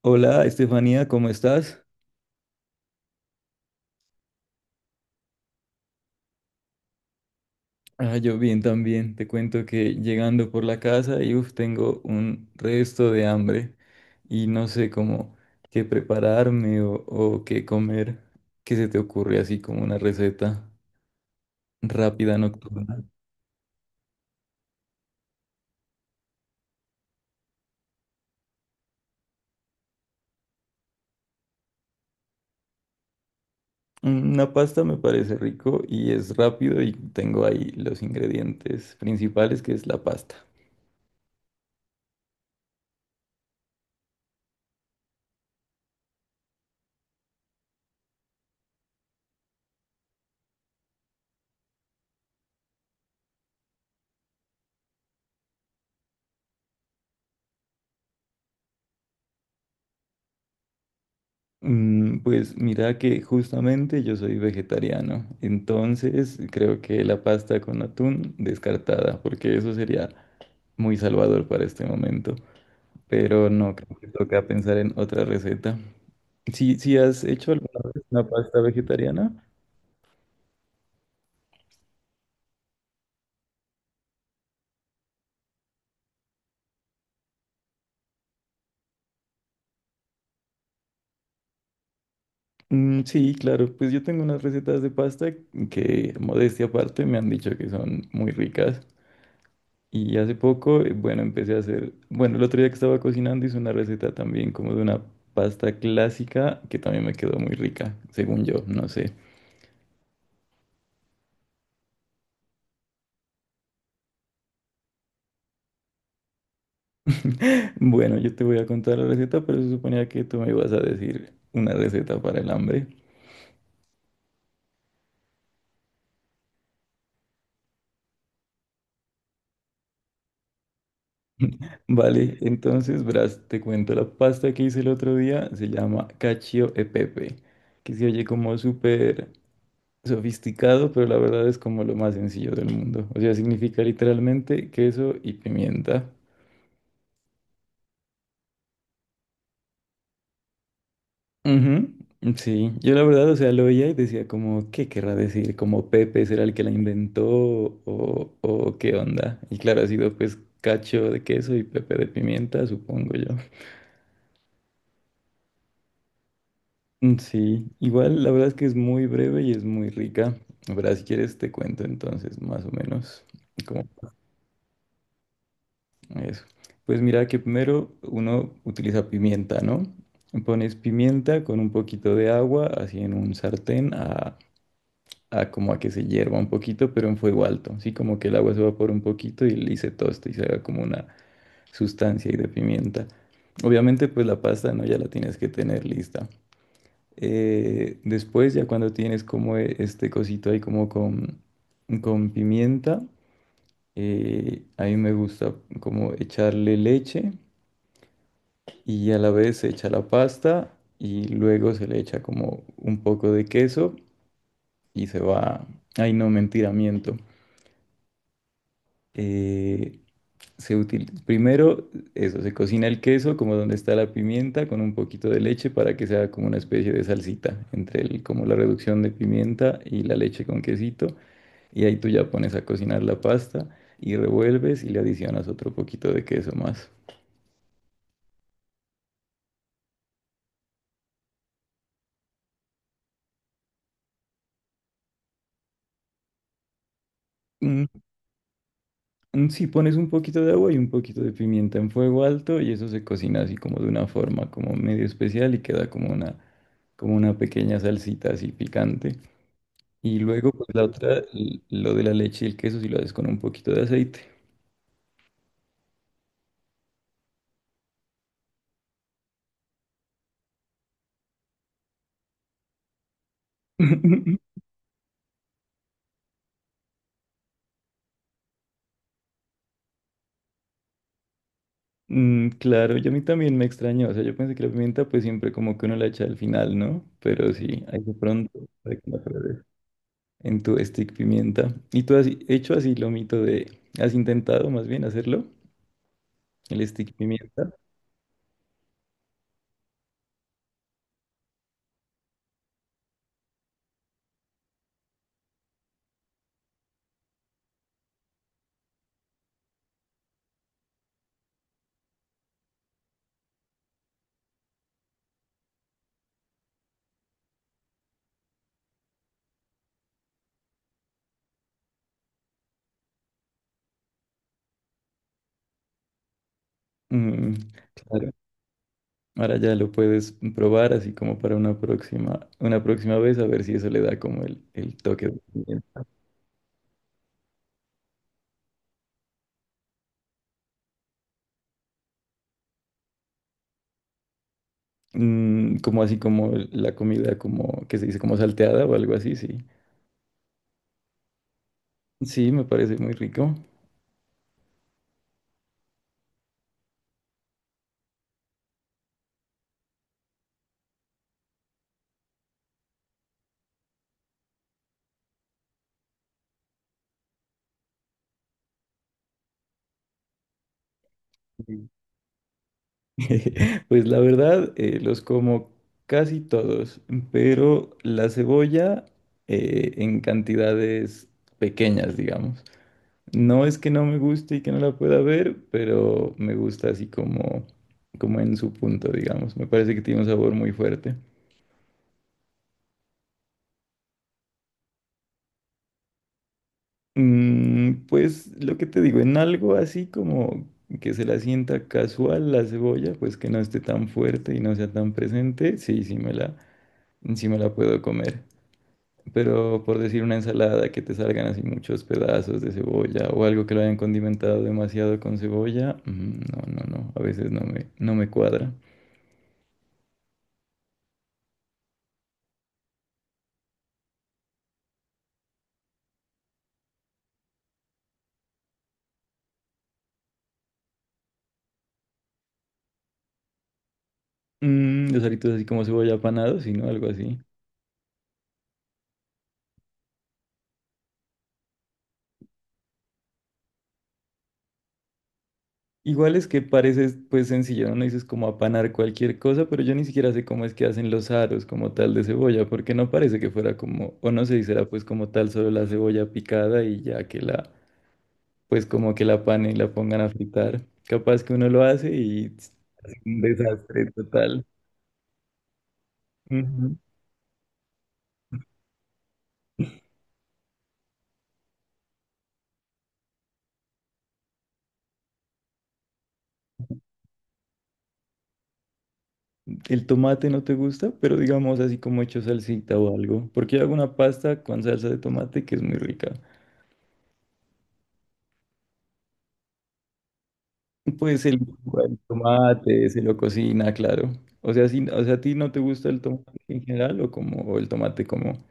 Hola, Estefanía, ¿cómo estás? Ah, yo bien también. Te cuento que llegando por la casa y uf, tengo un resto de hambre y no sé cómo qué prepararme o qué comer. ¿Qué se te ocurre así como una receta rápida nocturna? Mm, una pasta me parece rico y es rápido y tengo ahí los ingredientes principales que es la pasta. Mm, pues mira que justamente yo soy vegetariano, entonces creo que la pasta con atún descartada, porque eso sería muy salvador para este momento, pero no, creo que toca pensar en otra receta. Si, si has hecho alguna vez una pasta vegetariana. Mm, sí, claro, pues yo tengo unas recetas de pasta que, modestia aparte, me han dicho que son muy ricas. Y hace poco, bueno, empecé a hacer, bueno, el otro día que estaba cocinando hice una receta también como de una pasta clásica que también me quedó muy rica, según yo, no sé. Bueno, yo te voy a contar la receta, pero se suponía que tú me ibas a decir una receta para el hambre. Vale, entonces, verás, te cuento, la pasta que hice el otro día se llama cacio e pepe, que se oye como súper sofisticado, pero la verdad es como lo más sencillo del mundo. O sea, significa literalmente queso y pimienta. Ujú. Sí, yo la verdad, o sea, lo oía y decía como, ¿qué querrá decir? ¿Como Pepe será el que la inventó o qué onda? Y claro, ha sido pues cacho de queso y Pepe de pimienta, supongo yo. Mm, sí, igual la verdad es que es muy breve y es muy rica. La verdad, si quieres te cuento entonces más o menos como eso. Pues mira que primero uno utiliza pimienta, ¿no? Pones pimienta con un poquito de agua, así en un sartén a como a que se hierva un poquito, pero en fuego alto, sí, como que el agua se evapora un poquito y se tosta y se haga como una sustancia ahí de pimienta. Obviamente, pues la pasta, ¿no? Ya la tienes que tener lista. Después, ya cuando tienes como este cosito ahí como con pimienta, a mí me gusta como echarle leche y a la vez se echa la pasta y luego se le echa como un poco de queso y se va... Ay, no, mentira, miento. Eh, Se utiliza primero, eso, se cocina el queso como donde está la pimienta con un poquito de leche para que sea como una especie de salsita entre el, como la reducción de pimienta y la leche con quesito. Y ahí tú ya pones a cocinar la pasta y revuelves y le adicionas otro poquito de queso más. Mm, sí, pones un poquito de agua y un poquito de pimienta en fuego alto y eso se cocina así como de una forma como medio especial y queda como una pequeña salsita así picante. Y luego, pues la otra, lo de la leche y el queso, si lo haces con un poquito de aceite. Mm, claro, yo a mí también me extrañó. O sea, yo pensé que la pimienta, pues siempre como que uno la echa al final, ¿no? Pero sí, ahí de pronto, para que no pruebes, en tu stick pimienta. ¿Y tú has hecho así lo mito de, has intentado más bien hacerlo, el stick pimienta? Mm, claro. Ahora ya lo puedes probar así como para una próxima vez, a ver si eso le da como el toque de pimienta. Mm, como así como la comida como que se dice como salteada o algo así, sí. Sí, me parece muy rico. Mm. Pues la verdad, los como casi todos, pero la cebolla en cantidades pequeñas, digamos. No es que no me guste y que no la pueda ver, pero me gusta así como, como en su punto, digamos. Me parece que tiene un sabor muy fuerte. Mm, pues lo que te digo, en algo así como que se la sienta casual la cebolla, pues que no esté tan fuerte y no sea tan presente, sí, sí me la puedo comer. Pero por decir una ensalada que te salgan así muchos pedazos de cebolla o algo que lo hayan condimentado demasiado con cebolla, mm, no, no, no, a veces no me cuadra. Mm, los aritos así como cebolla apanados, sino algo así. Igual es que parece pues sencillo, ¿no? No dices como apanar cualquier cosa, pero yo ni siquiera sé cómo es que hacen los aros como tal de cebolla, porque no parece que fuera como, o no sé si será pues como tal solo la cebolla picada y ya que la, pues como que la panen y la pongan a fritar. Capaz que uno lo hace y es un desastre total. Ujú. El tomate no te gusta, pero digamos así como hecho salsita o algo, porque yo hago una pasta con salsa de tomate que es muy rica. Pues se le el tomate, se lo cocina, claro. O sea, si, o sea, ¿a ti no te gusta el tomate en general o como o el tomate como?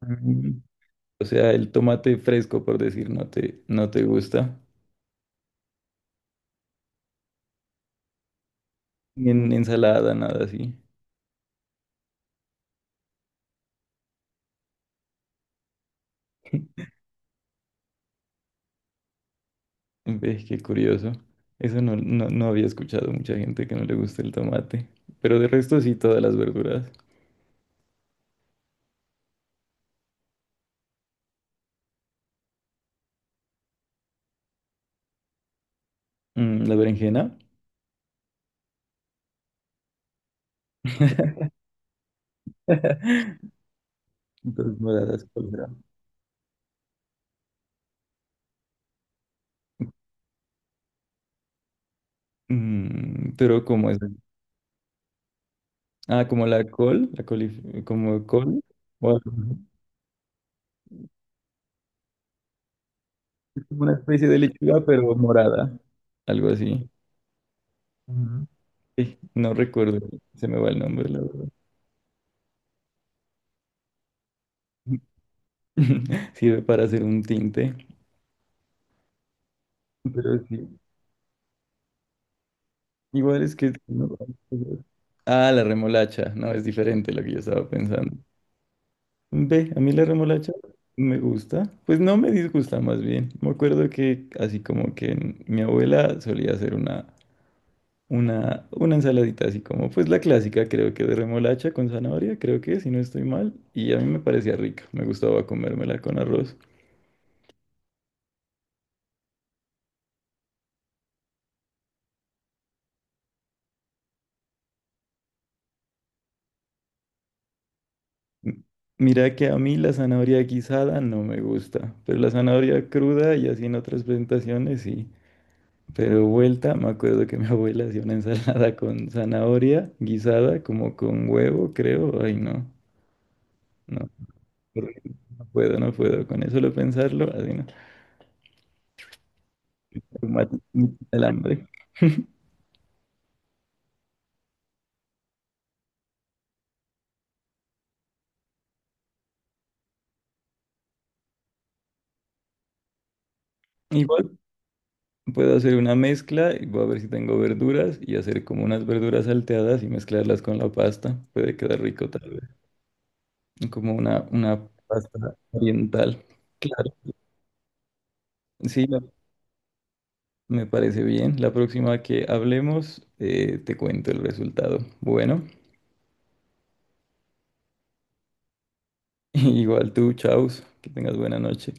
Mm. ¿O sea, el tomate fresco, por decir, no te gusta? Ni en ensalada, nada así. Ves, qué curioso. Eso no, no, no había escuchado mucha gente que no le gusta el tomate. Pero de resto sí, todas las verduras. Mm, la berenjena. Entonces, moradas, colorado. Mm, ¿pero como es? Ah, como la col, la colif- como col, o algo así. Es como una especie de lechuga, pero morada, algo así. Ujú. Sí, no recuerdo, se me va el nombre, la verdad. Sirve para hacer un tinte, pero sí, igual es que... Ah, la remolacha, no, es diferente lo que yo estaba pensando. Ve, a mí la remolacha me gusta, pues no me disgusta más bien. Me acuerdo que así como que mi abuela solía hacer una... una ensaladita así como, pues la clásica, creo que de remolacha con zanahoria, creo que, si no estoy mal, y a mí me parecía rica, me gustaba comérmela con arroz. M- Mira que a mí la zanahoria guisada no me gusta, pero la zanahoria cruda y así en otras presentaciones sí. Pero vuelta, me acuerdo que mi abuela hacía una ensalada con zanahoria guisada, como con huevo, creo, ay no, no, no puedo, con eso lo pensarlo, así no, me mata el hambre. Igual puedo hacer una mezcla y voy a ver si tengo verduras y hacer como unas verduras salteadas y mezclarlas con la pasta. Puede quedar rico tal vez. Como una pasta oriental. Claro. Sí, me parece bien. La próxima que hablemos, te cuento el resultado. Bueno, igual tú, chaus, que tengas buena noche.